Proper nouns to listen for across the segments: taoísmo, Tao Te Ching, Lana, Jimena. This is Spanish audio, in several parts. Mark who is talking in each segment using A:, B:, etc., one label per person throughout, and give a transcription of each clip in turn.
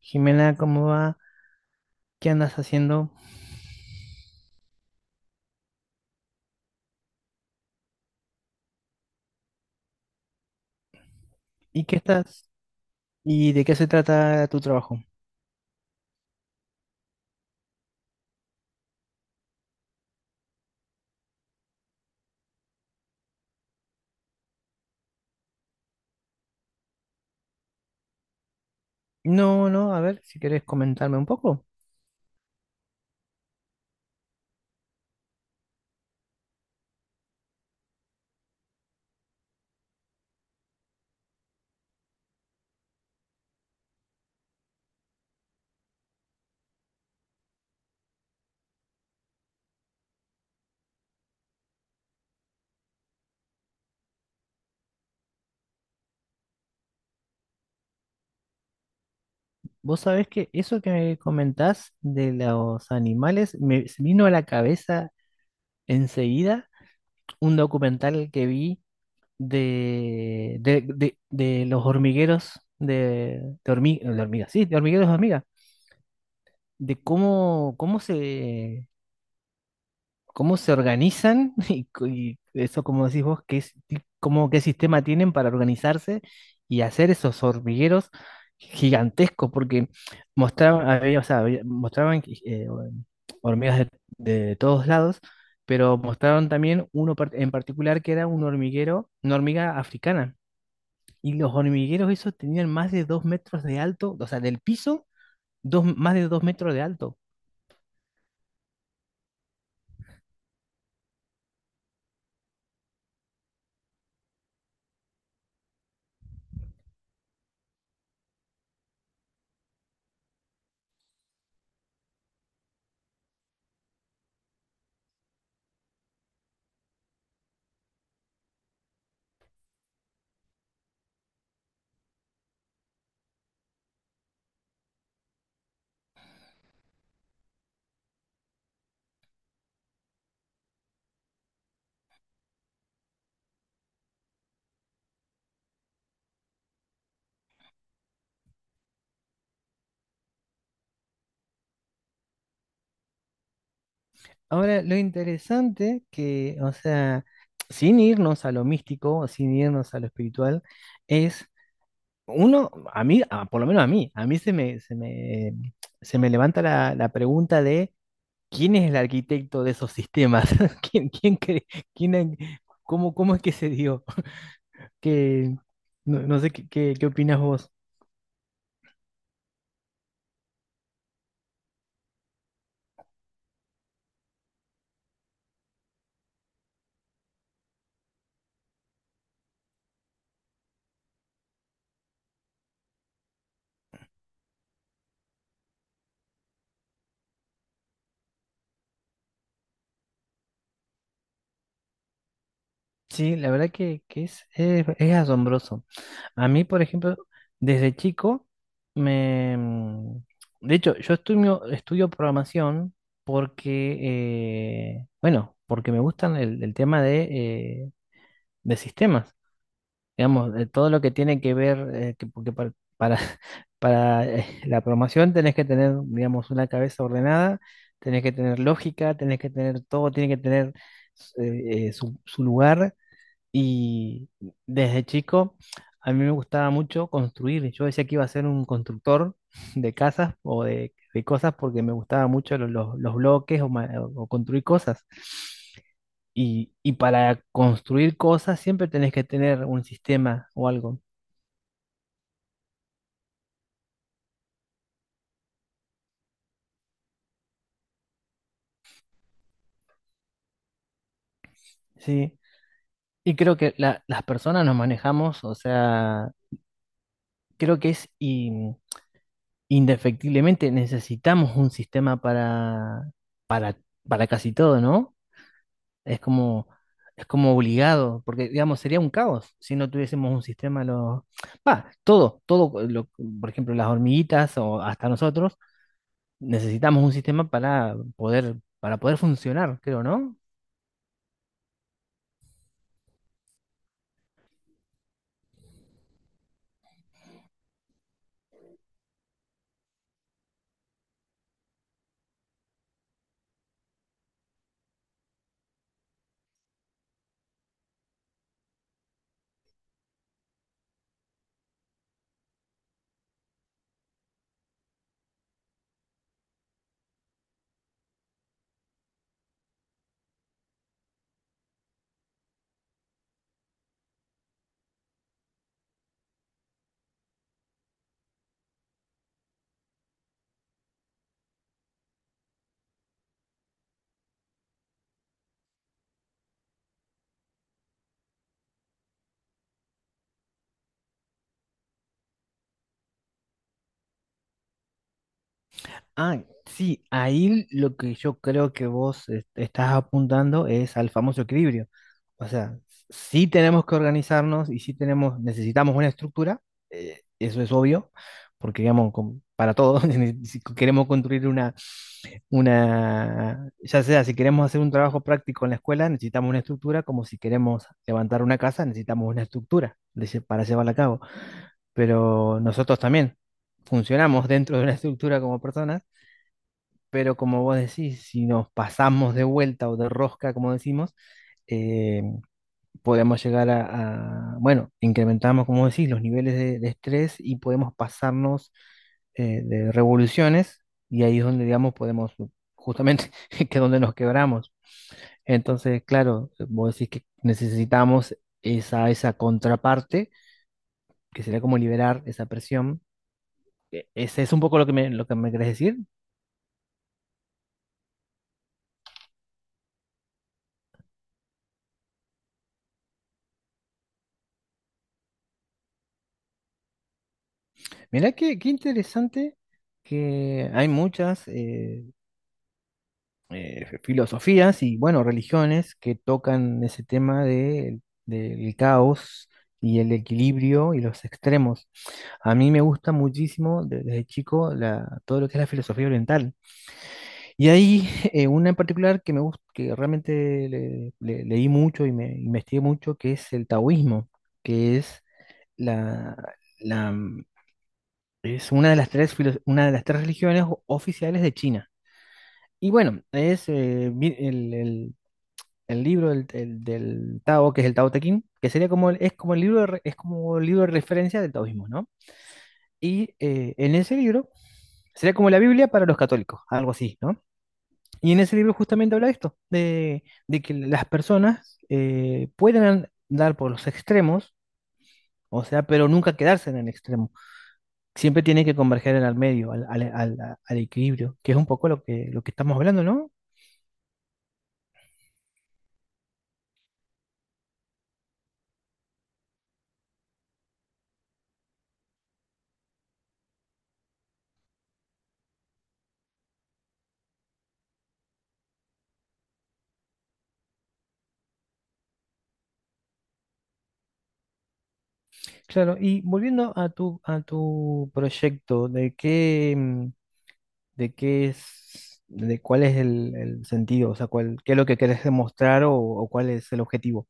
A: Jimena, ¿cómo va? ¿Qué andas haciendo? ¿Y qué estás? ¿Y de qué se trata tu trabajo? No, no, a ver, si querés comentarme un poco. Vos sabés que eso que me comentás de los animales me se vino a la cabeza enseguida un documental que vi de los hormigueros de hormigas, sí, de hormigueros de hormigas, de cómo se organizan y eso, como decís vos, qué, es- ti- cómo, qué sistema tienen para organizarse y hacer esos hormigueros gigantescos, porque mostraban, o sea, mostraban hormigas de todos lados, pero mostraron también en particular, que era un hormiguero, una hormiga africana. Y los hormigueros esos tenían más de dos metros de alto, o sea, del piso, más de dos metros de alto. Ahora, lo interesante que, o sea, sin irnos a lo místico, sin irnos a lo espiritual, es uno, por lo menos a mí, se me levanta la pregunta de quién es el arquitecto de esos sistemas, quién, quién, cre- quién, ha- cómo es que se dio, que no, no sé qué opinas vos. Sí, la verdad que es asombroso. A mí, por ejemplo, desde chico, me... mm, de hecho, yo estudio programación porque, bueno, porque me gustan el tema de sistemas, digamos, de todo lo que tiene que ver, porque la programación tenés que tener, digamos, una cabeza ordenada, tenés que tener lógica, tenés que tener todo, tiene que tener su lugar, y desde chico a mí me gustaba mucho construir. Yo decía que iba a ser un constructor de casas o de cosas, porque me gustaba mucho bloques o construir cosas. Y para construir cosas siempre tenés que tener un sistema o algo, ¿sí? Y creo que las personas nos manejamos, o sea, creo que indefectiblemente necesitamos un sistema para casi todo, ¿no? Es como, es como obligado, porque digamos, sería un caos si no tuviésemos un sistema, lo, va, todo, todo, lo- por ejemplo, las hormiguitas o hasta nosotros, necesitamos un sistema para poder funcionar, creo, ¿no? Ah, sí, ahí lo que yo creo que vos estás apuntando es al famoso equilibrio. O sea, sí tenemos que organizarnos y sí necesitamos una estructura, eso es obvio, porque digamos, para todos, si queremos construir ya sea, si queremos hacer un trabajo práctico en la escuela, necesitamos una estructura, como si queremos levantar una casa, necesitamos una estructura para llevarla a cabo. Pero nosotros también funcionamos dentro de una estructura como personas. Pero como vos decís, si nos pasamos de vuelta o de rosca, como decimos, eh, podemos llegar bueno, incrementamos, como decís, los niveles de estrés, y podemos pasarnos de revoluciones, y ahí es donde, digamos, justamente, que es donde nos quebramos. Entonces, claro, vos decís que necesitamos esa contraparte, que sería como liberar esa presión. ¿Ese es un poco lo que me, querés decir? Mirá qué interesante, que hay muchas filosofías y, bueno, religiones que tocan ese tema del caos y el equilibrio y los extremos. A mí me gusta muchísimo desde chico todo lo que es la filosofía oriental. Y hay una en particular que me gusta, que realmente leí mucho y me investigué mucho, que es el taoísmo. que es la, Es una de las tres, una de las tres religiones oficiales de China. Y bueno, es vi- el libro del Tao, que es el Tao Te Ching, que sería como, es como el libro es como el libro de referencia del taoísmo, ¿no? Y en ese libro, sería como la Biblia para los católicos, algo así, ¿no? Y en ese libro justamente habla de esto, de que las personas, pueden andar por los extremos, o sea, pero nunca quedarse en el extremo. Siempre tiene que converger en el medio, al equilibrio, que es un poco lo que, estamos hablando, ¿no? Claro, y volviendo a tu proyecto, ¿de qué, mm, de qué es, de cuál es el sentido? O sea, cuál, qué es lo que querés demostrar, o cuál es el objetivo.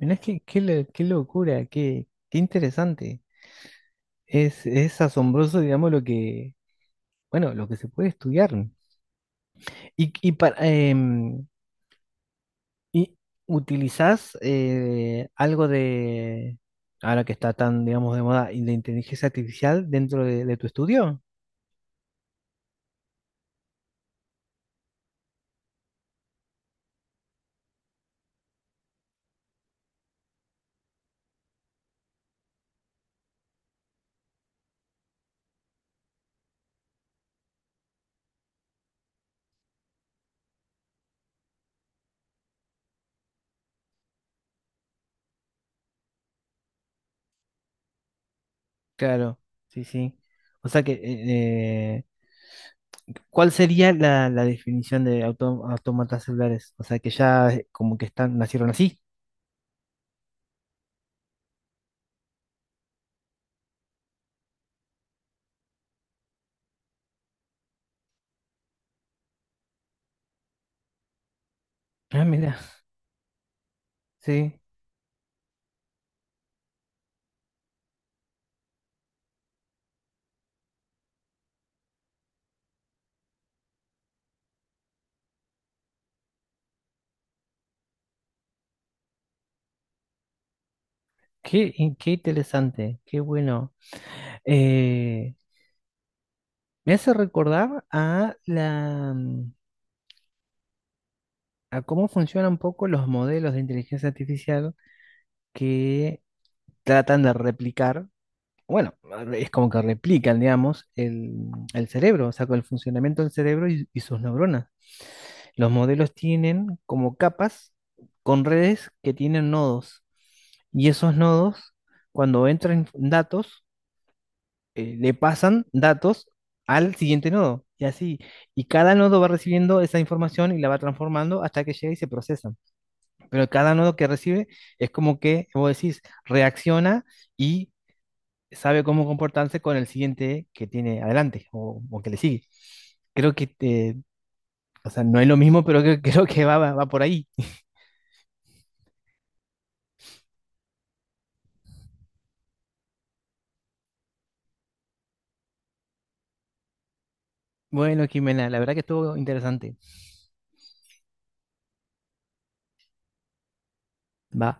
A: Mirá, qué locura, qué interesante. Es asombroso, digamos, lo que, bueno, lo que se puede estudiar. Y, y para, em, ¿Y utilizás algo de, ahora que está tan, digamos, de moda, y de inteligencia artificial dentro de tu estudio? Claro, sí, sí. O sea que, ¿cuál sería la definición de autómatas celulares? O sea que ya como que están, nacieron así. Ah, mira, sí. Qué interesante, qué bueno. Eh, me hace recordar a cómo funcionan un poco los modelos de inteligencia artificial, que tratan de replicar, bueno, es como que replican, digamos, el cerebro, o sea, con el funcionamiento del cerebro y sus neuronas. Los modelos tienen como capas con redes que tienen nodos. Y esos nodos, cuando entran datos, le pasan datos al siguiente nodo, y así. Y cada nodo va recibiendo esa información y la va transformando hasta que llega y se procesa. Pero cada nodo que recibe es como que, vos decís, reacciona y sabe cómo comportarse con el siguiente que tiene adelante, o, que le sigue. Creo que, o sea, no es lo mismo, pero creo, creo que va por ahí. Bueno, Jimena, la verdad que estuvo interesante. Va.